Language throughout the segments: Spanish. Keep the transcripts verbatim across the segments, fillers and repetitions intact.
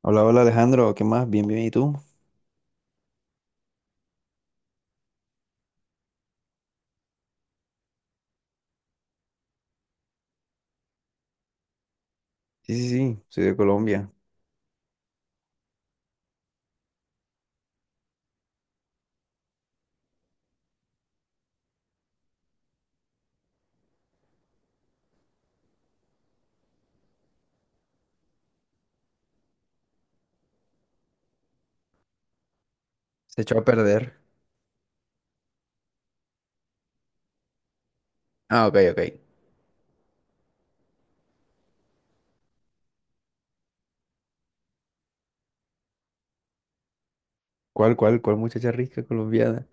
Hola, hola Alejandro, ¿qué más? Bien, bien, ¿y tú? Sí, sí, sí, soy de Colombia. Se echó a perder. Ah, ok, ok. ¿Cuál, cuál, cuál muchacha rica colombiana?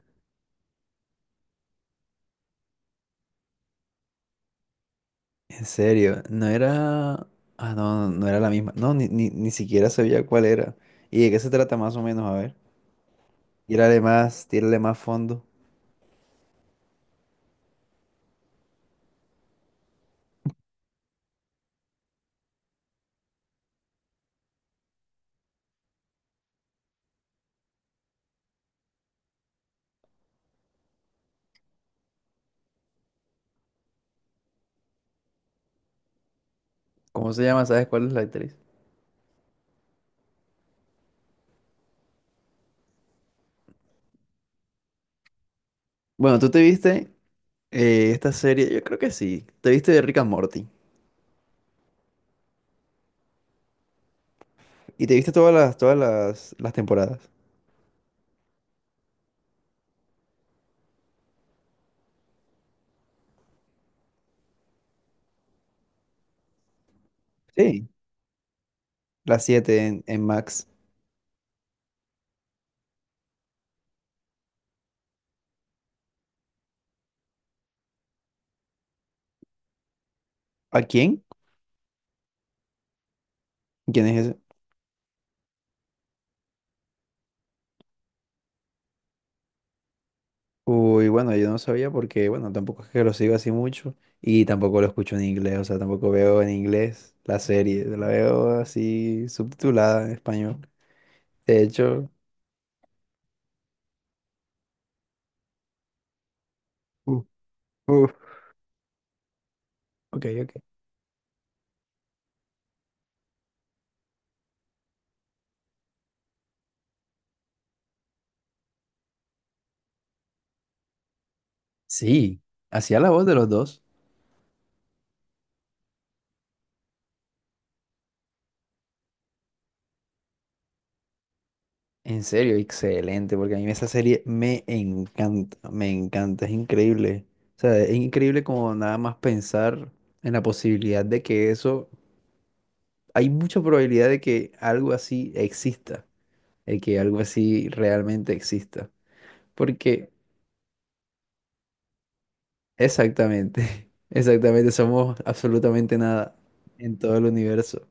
En serio, no era... Ah, no, no, no era la misma. No, ni, ni, ni siquiera sabía cuál era. ¿Y de qué se trata más o menos? A ver. Tírale más, tírale más fondo. ¿Cómo se llama? ¿Sabes cuál es la actriz? Bueno, ¿tú te viste eh, esta serie? Yo creo que sí. Te viste de Rick and Morty. Y te viste todas las, todas las, las temporadas. Sí. Las siete en, en Max. ¿A quién? ¿Quién es ese? Uy, bueno, yo no sabía porque, bueno, tampoco es que lo sigo así mucho y tampoco lo escucho en inglés, o sea, tampoco veo en inglés la serie, la veo así subtitulada en español. De hecho, uh, uh, ok, ok. Sí, hacía la voz de los dos. En serio, excelente, porque a mí esa serie me encanta, me encanta, es increíble. O sea, es increíble como nada más pensar en la posibilidad de que eso, hay mucha probabilidad de que algo así exista, de que algo así realmente exista. Porque exactamente, exactamente, somos absolutamente nada en todo el universo.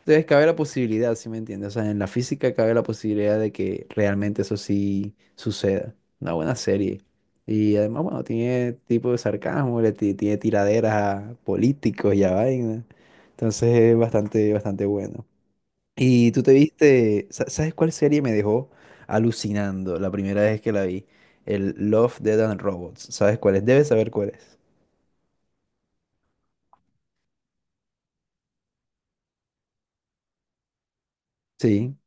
Entonces cabe la posibilidad, ¿si me entiendes? O sea, en la física cabe la posibilidad de que realmente eso sí suceda. Una buena serie. Y además, bueno, tiene tipo de sarcasmo, le ti- tiene tiraderas a políticos y a vaina. Entonces es bastante, bastante bueno. Y tú te viste, sa- ¿sabes cuál serie me dejó alucinando la primera vez que la vi? El Love, Death and Robots. ¿Sabes cuál es? Debes saber cuál es. Sí,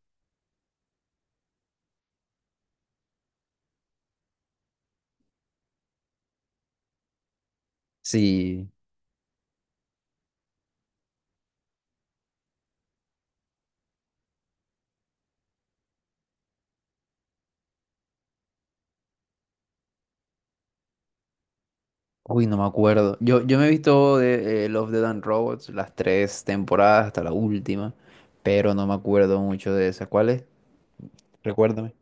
sí. Uy, no me acuerdo. Yo, yo me he visto de eh, Love, Death and Robots las tres temporadas hasta la última, pero no me acuerdo mucho de esa. ¿Cuál es? Recuérdame.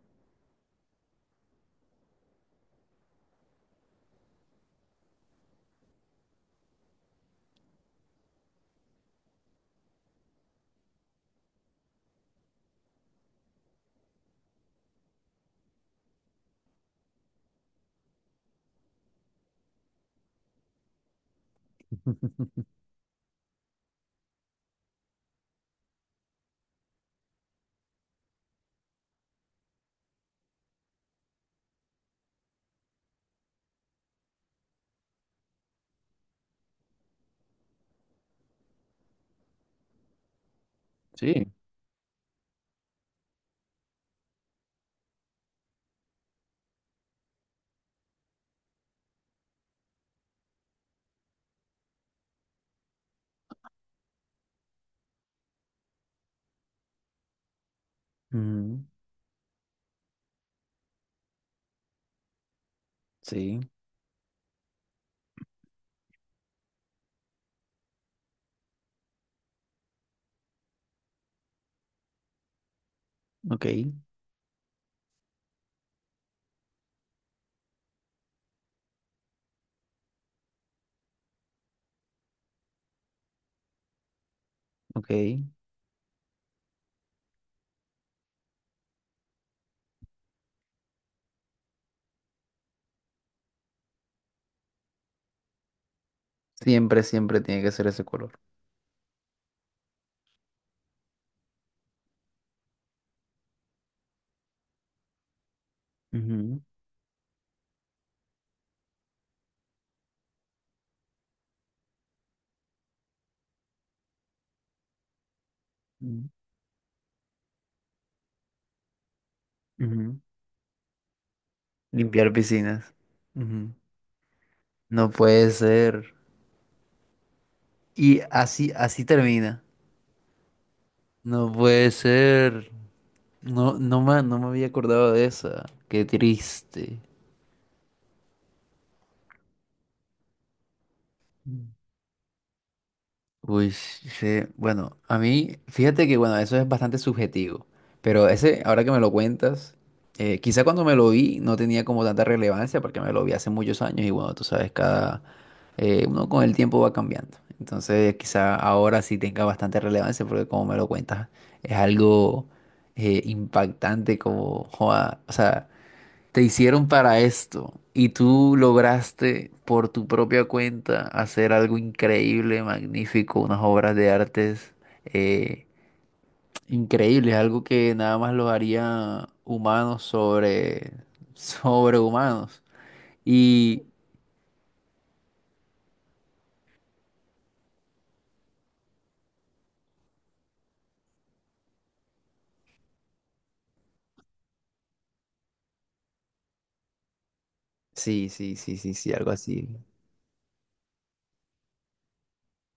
Sí. Ujú, sí, ok, ok. Siempre, siempre tiene que ser ese color. Ujú, ujú, ujú. Limpiar piscinas. Ujú. No puede ser. Y así, así termina. No puede ser. No, no me no me había acordado de esa. Qué triste. Uy, sí, bueno, a mí, fíjate que bueno, eso es bastante subjetivo, pero ese, ahora que me lo cuentas, eh, quizá cuando me lo vi no tenía como tanta relevancia porque me lo vi hace muchos años y bueno, tú sabes, cada, eh, uno con el tiempo va cambiando, entonces quizá ahora sí tenga bastante relevancia porque como me lo cuentas, es algo eh, impactante como, joda, o sea te hicieron para esto y tú lograste por tu propia cuenta hacer algo increíble, magnífico, unas obras de artes eh, increíbles, algo que nada más los haría humanos sobre, sobre humanos. Y sí, sí, sí, sí, sí, algo así.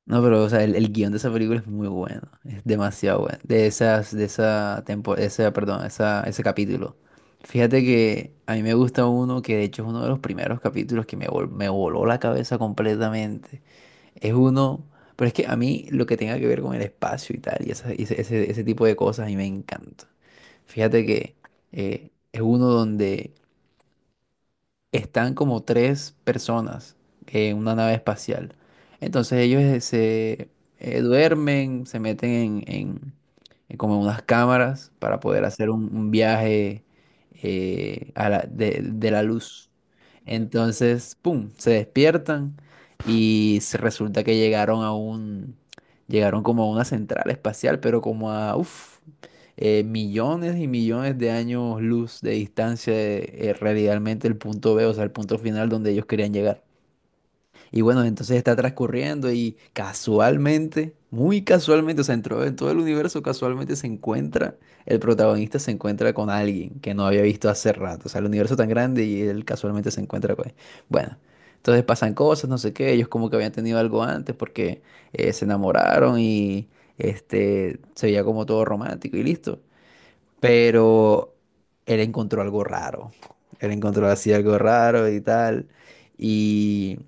No, pero o sea, el, el guión de esa película es muy bueno, es demasiado bueno. De esas, de esa tempo, esa, perdón, esa, ese capítulo. Fíjate que a mí me gusta uno que de hecho es uno de los primeros capítulos que me, vol- me voló la cabeza completamente. Es uno, pero es que a mí lo que tenga que ver con el espacio y tal, y, esa- y ese, ese, ese tipo de cosas a mí me encanta. Fíjate que eh, es uno donde están como tres personas en una nave espacial. Entonces ellos eh, se eh, duermen, se meten en, en- en como unas cámaras para poder hacer un, un viaje eh, a la- de, de la luz. Entonces, ¡pum!, se despiertan y se resulta que llegaron a un, llegaron como a una central espacial, pero como a, uff eh, millones y millones de años luz de distancia de eh, realmente el punto B, o sea, el punto final donde ellos querían llegar. Y bueno, entonces está transcurriendo y casualmente, muy casualmente, o sea, en todo, en todo el universo casualmente se encuentra, el protagonista se encuentra con alguien que no había visto hace rato, o sea, el universo tan grande y él casualmente se encuentra con él. Bueno, entonces pasan cosas, no sé qué, ellos como que habían tenido algo antes porque eh, se enamoraron y este, se veía como todo romántico y listo. Pero él encontró algo raro. Él encontró así algo raro y tal. Y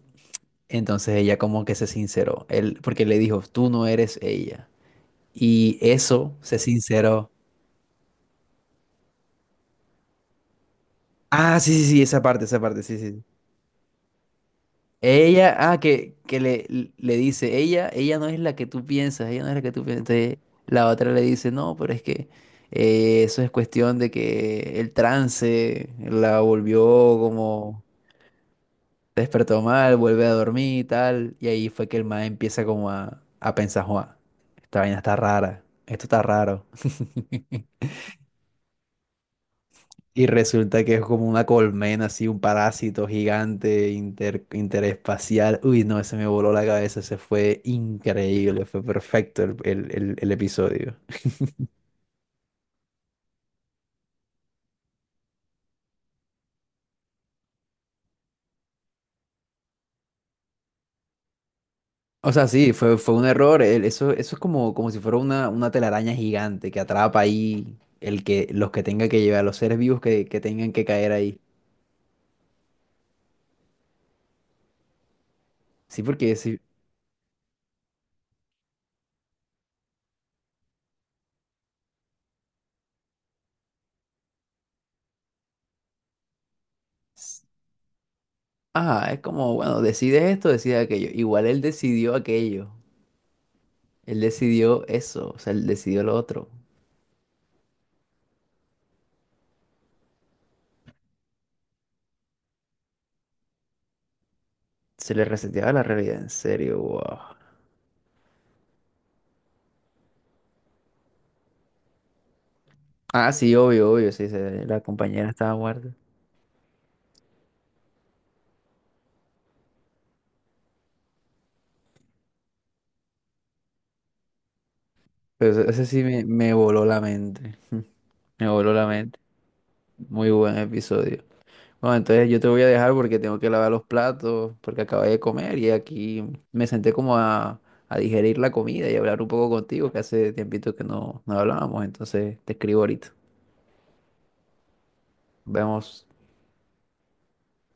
entonces ella como que se sinceró. Él, porque le dijo, tú no eres ella. Y eso se sinceró. Ah, sí, sí, sí, esa parte, esa parte, sí, sí. Ella, ah, que, que le, le dice, ella, ella no es la que tú piensas, ella no es la que tú piensas. Entonces, la otra le dice, no, pero es que eh, eso es cuestión de que el trance la volvió como despertó mal, vuelve a dormir y tal. Y ahí fue que el man empieza como a, a pensar, Juan, esta vaina está rara, esto está raro. Y resulta que es como una colmena, así, un parásito gigante inter- interespacial. Uy, no, ese me voló la cabeza, ese fue increíble, fue perfecto el, el- el- el episodio. O sea, sí, fue, fue un error. El- eso, eso es como, como si fuera una, una telaraña gigante que atrapa ahí el que, los que tenga que llevar, los seres vivos que, que tengan que caer ahí. Sí, porque si, ah, es como, bueno, decide esto, decide aquello. Igual él decidió aquello. Él decidió eso, o sea, él decidió lo otro. Se le reseteaba la realidad, en serio, wow. Ah, sí, obvio, obvio, sí, se- la compañera estaba muerta. Pero ese, ese sí me, me voló la mente. Me voló la mente. Muy buen episodio. No, entonces yo te voy a dejar porque tengo que lavar los platos, porque acabé de comer y aquí me senté como a, a digerir la comida y hablar un poco contigo, que hace tiempito que no, no hablábamos, entonces te escribo ahorita. Vemos.